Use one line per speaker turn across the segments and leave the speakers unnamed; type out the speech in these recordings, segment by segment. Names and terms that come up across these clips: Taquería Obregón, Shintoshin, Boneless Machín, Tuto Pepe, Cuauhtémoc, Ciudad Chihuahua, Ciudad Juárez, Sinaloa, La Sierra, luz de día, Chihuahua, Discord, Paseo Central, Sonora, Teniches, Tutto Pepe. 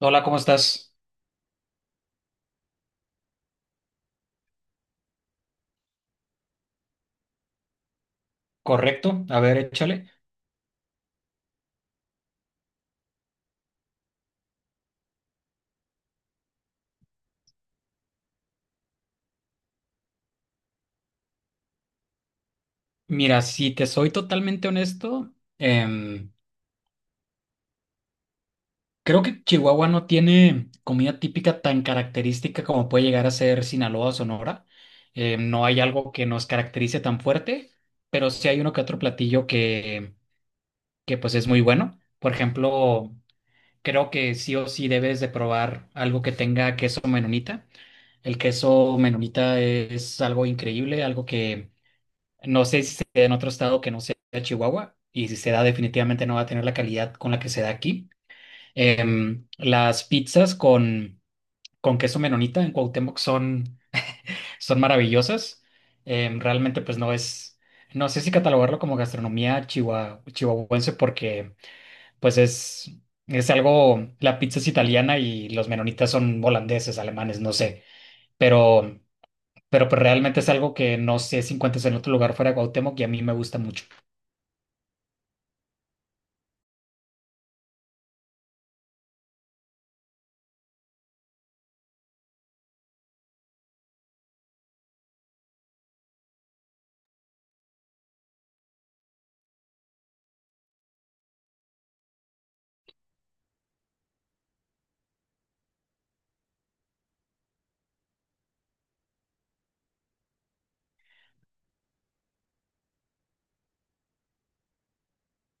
Hola, ¿cómo estás? Correcto. A ver, échale. Mira, si te soy totalmente honesto, creo que Chihuahua no tiene comida típica tan característica como puede llegar a ser Sinaloa o Sonora. No hay algo que nos caracterice tan fuerte, pero sí hay uno que otro platillo que pues es muy bueno. Por ejemplo, creo que sí o sí debes de probar algo que tenga queso menonita. El queso menonita es algo increíble, algo que no sé si se da en otro estado que no sea Chihuahua, y si se da definitivamente no va a tener la calidad con la que se da aquí. Las pizzas con queso menonita en Cuauhtémoc son maravillosas. Realmente pues no es, no sé si catalogarlo como gastronomía chihuahuense, porque pues es algo, la pizza es italiana y los menonitas son holandeses, alemanes, no sé, pero, pero pues realmente es algo que no sé si encuentras en otro lugar fuera de Cuauhtémoc y a mí me gusta mucho.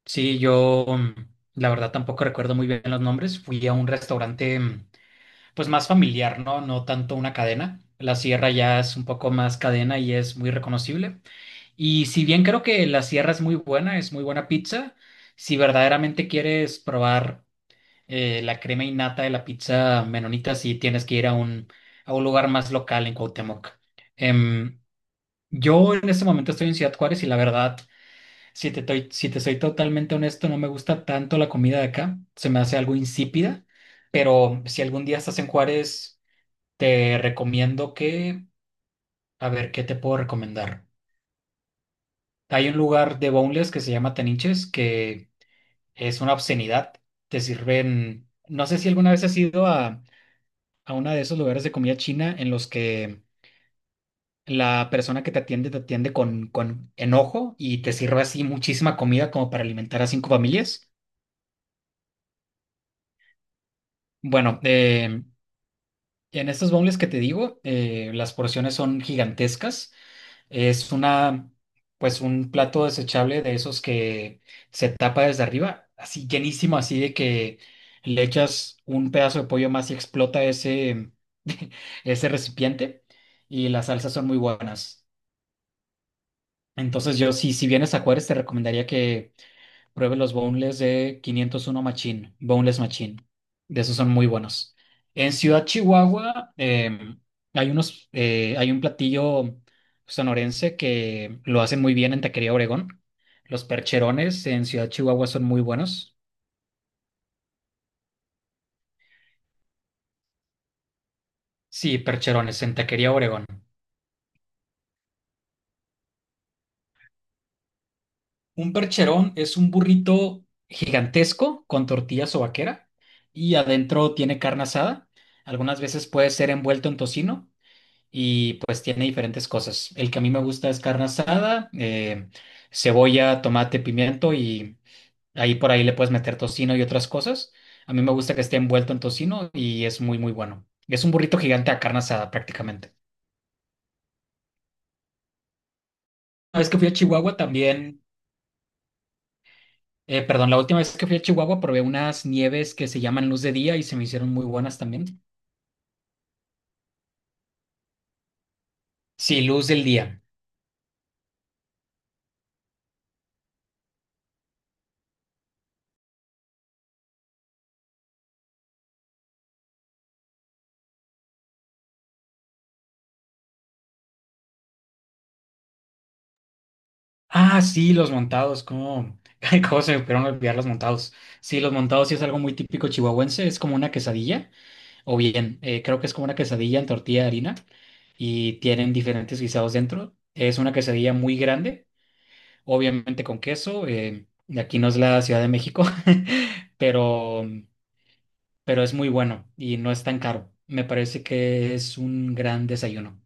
Sí, yo, la verdad tampoco recuerdo muy bien los nombres. Fui a un restaurante pues más familiar, ¿no? No tanto una cadena. La Sierra ya es un poco más cadena y es muy reconocible. Y si bien creo que la Sierra es muy buena pizza, si verdaderamente quieres probar la crema innata de la pizza menonita, sí tienes que ir a a un lugar más local en Cuauhtémoc. Em, yo en este momento estoy en Ciudad Juárez y la verdad si te soy totalmente honesto, no me gusta tanto la comida de acá. Se me hace algo insípida. Pero si algún día estás en Juárez, te recomiendo que... A ver, ¿qué te puedo recomendar? Hay un lugar de boneless que se llama Teniches, que es una obscenidad. Te sirven... No sé si alguna vez has ido a uno de esos lugares de comida china en los que la persona que te atiende con enojo y te sirve así muchísima comida como para alimentar a cinco familias. Bueno, en estas bombles que te digo, las porciones son gigantescas. Es una, pues un plato desechable de esos que se tapa desde arriba, así llenísimo, así de que le echas un pedazo de pollo más y explota ese, ese recipiente. Y las salsas son muy buenas. Entonces yo, si vienes a Juárez, te recomendaría que pruebe los boneless de 501 Machín, Boneless Machín. De esos son muy buenos. En Ciudad Chihuahua, hay un platillo sonorense que lo hacen muy bien en Taquería Obregón. Los percherones en Ciudad Chihuahua son muy buenos. Sí, percherones en Taquería Obregón. Un percherón es un burrito gigantesco con tortilla sobaquera y adentro tiene carne asada. Algunas veces puede ser envuelto en tocino, y pues tiene diferentes cosas. El que a mí me gusta es carne asada, cebolla, tomate, pimiento, y ahí por ahí le puedes meter tocino y otras cosas. A mí me gusta que esté envuelto en tocino y es muy, muy bueno. Es un burrito gigante a carne asada prácticamente. Una vez que fui a Chihuahua también, perdón, la última vez que fui a Chihuahua probé unas nieves que se llaman Luz de Día y se me hicieron muy buenas también. Sí, Luz del Día. Ah, sí, los montados, cómo, ay, cómo se me pudieron olvidar los montados. Sí, los montados sí es algo muy típico chihuahuense, es como una quesadilla, o bien, creo que es como una quesadilla en tortilla de harina y tienen diferentes guisados dentro. Es una quesadilla muy grande, obviamente con queso, y aquí no es la Ciudad de México, pero, pero es muy bueno y no es tan caro. Me parece que es un gran desayuno.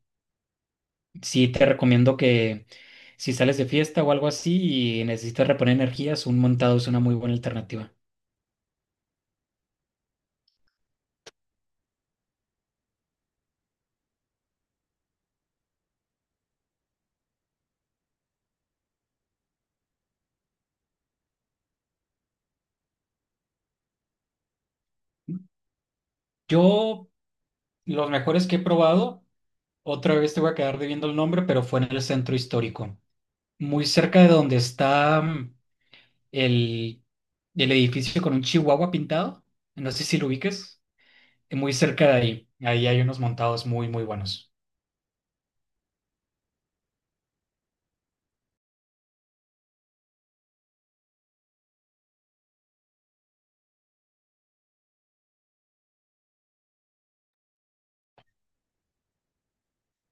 Sí, te recomiendo que si sales de fiesta o algo así y necesitas reponer energías, un montado es una muy buena alternativa. Yo, los mejores que he probado, otra vez te voy a quedar debiendo el nombre, pero fue en el centro histórico, muy cerca de donde está, el, el, edificio con un chihuahua pintado. No sé si lo ubiques, muy cerca de ahí. Ahí hay unos montados muy, muy buenos.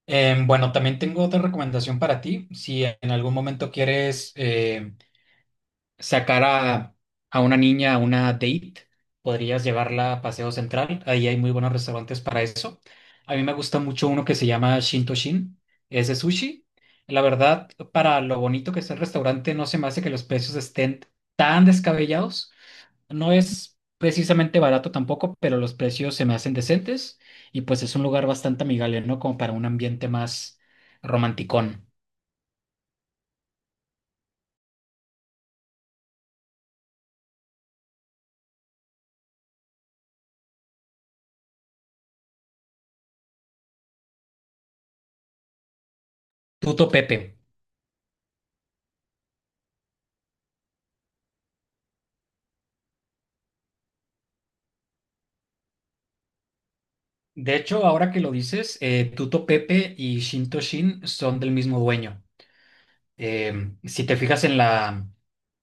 Bueno, también tengo otra recomendación para ti. Si en algún momento quieres... sacar a una niña a una date, podrías llevarla a Paseo Central, ahí hay muy buenos restaurantes para eso. A mí me gusta mucho uno que se llama Shintoshin, es de sushi. La verdad, para lo bonito que es el restaurante, no se me hace que los precios estén tan descabellados. No es precisamente barato tampoco, pero los precios se me hacen decentes y pues es un lugar bastante amigable, ¿no? Como para un ambiente más romanticón. Tuto Pepe. De hecho, ahora que lo dices, Tuto Pepe y Shinto Shin son del mismo dueño. Si te fijas en la,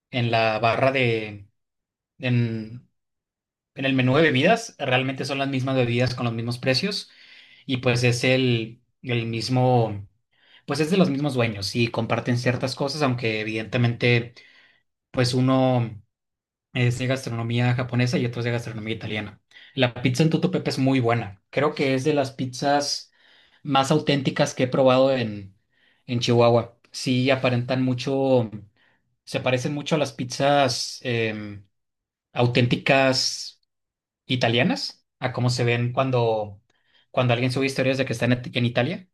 en la barra en, en el menú de bebidas, realmente son las mismas bebidas con los mismos precios y pues es el mismo, pues es de los mismos dueños y comparten ciertas cosas, aunque evidentemente pues uno es de gastronomía japonesa y otro es de gastronomía italiana. La pizza en Tutto Pepe es muy buena. Creo que es de las pizzas más auténticas que he probado en Chihuahua. Sí, aparentan mucho, se parecen mucho a las pizzas, auténticas italianas, a cómo se ven cuando alguien sube historias de que están en Italia.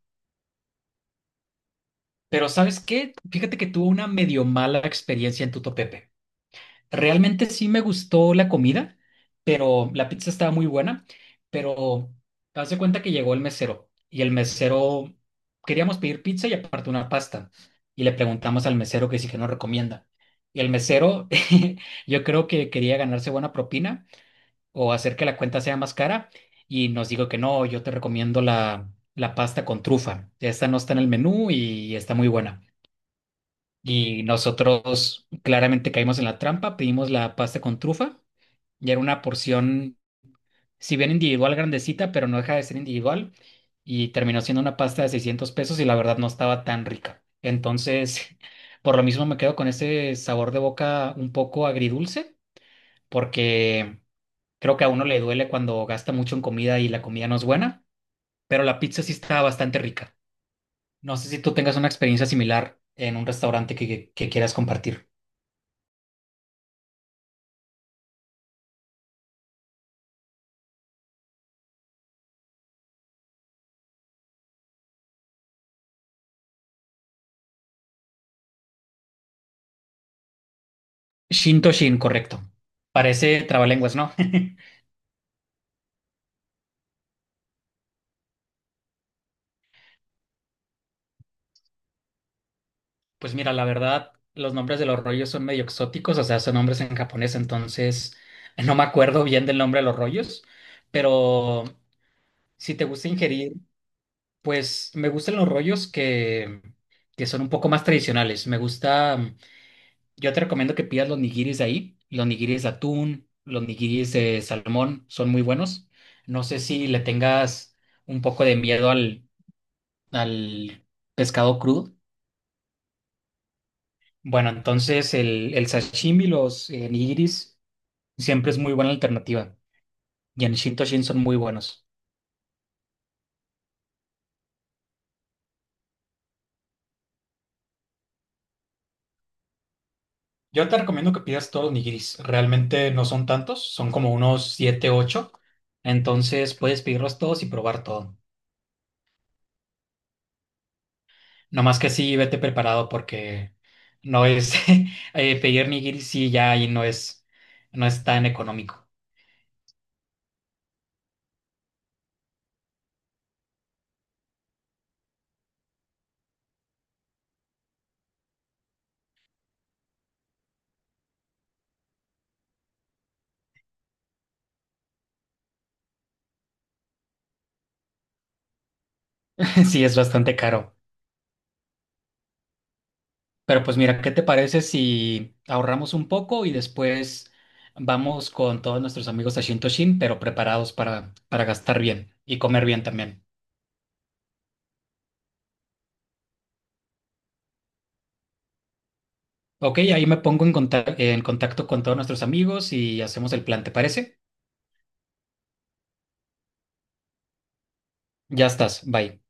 Pero ¿sabes qué? Fíjate que tuve una medio mala experiencia en Tutto Pepe. Realmente sí me gustó la comida, pero la pizza estaba muy buena, pero haz de cuenta que llegó el mesero y el mesero, queríamos pedir pizza y aparte una pasta, y le preguntamos al mesero que sí, que nos recomienda. Y el mesero, yo creo que quería ganarse buena propina o hacer que la cuenta sea más cara, y nos dijo que no, yo te recomiendo la pasta con trufa. Esta no está en el menú y está muy buena. Y nosotros claramente caímos en la trampa, pedimos la pasta con trufa y era una porción, si bien individual, grandecita, pero no deja de ser individual. Y terminó siendo una pasta de 600 pesos y la verdad no estaba tan rica. Entonces, por lo mismo me quedo con ese sabor de boca un poco agridulce, porque creo que a uno le duele cuando gasta mucho en comida y la comida no es buena, pero la pizza sí está bastante rica. No sé si tú tengas una experiencia similar en un restaurante que quieras compartir. Shintoshin, correcto. Parece trabalenguas, ¿no? Pues mira, la verdad, los nombres de los rollos son medio exóticos, o sea, son nombres en japonés, entonces no me acuerdo bien del nombre de los rollos, pero si te gusta ingerir, pues me gustan los rollos que son un poco más tradicionales. Me gusta, yo te recomiendo que pidas los nigiris de ahí, los nigiris de atún, los nigiris de salmón, son muy buenos. No sé si le tengas un poco de miedo al pescado crudo. Bueno, entonces el sashimi, los, nigiris, siempre es muy buena alternativa. Y en Shintoshin son muy buenos. Yo te recomiendo que pidas todos los nigiris. Realmente no son tantos, son como unos 7 ocho. Entonces puedes pedirlos todos y probar todo. No más que sí, vete preparado porque no es pedir nigiris, sí, ya ahí no es tan económico. Sí, es bastante caro. Pero pues mira, ¿qué te parece si ahorramos un poco y después vamos con todos nuestros amigos a Shintoshin, pero preparados para gastar bien y comer bien también? Ok, ahí me pongo en en contacto con todos nuestros amigos y hacemos el plan, ¿te parece? Ya estás, bye.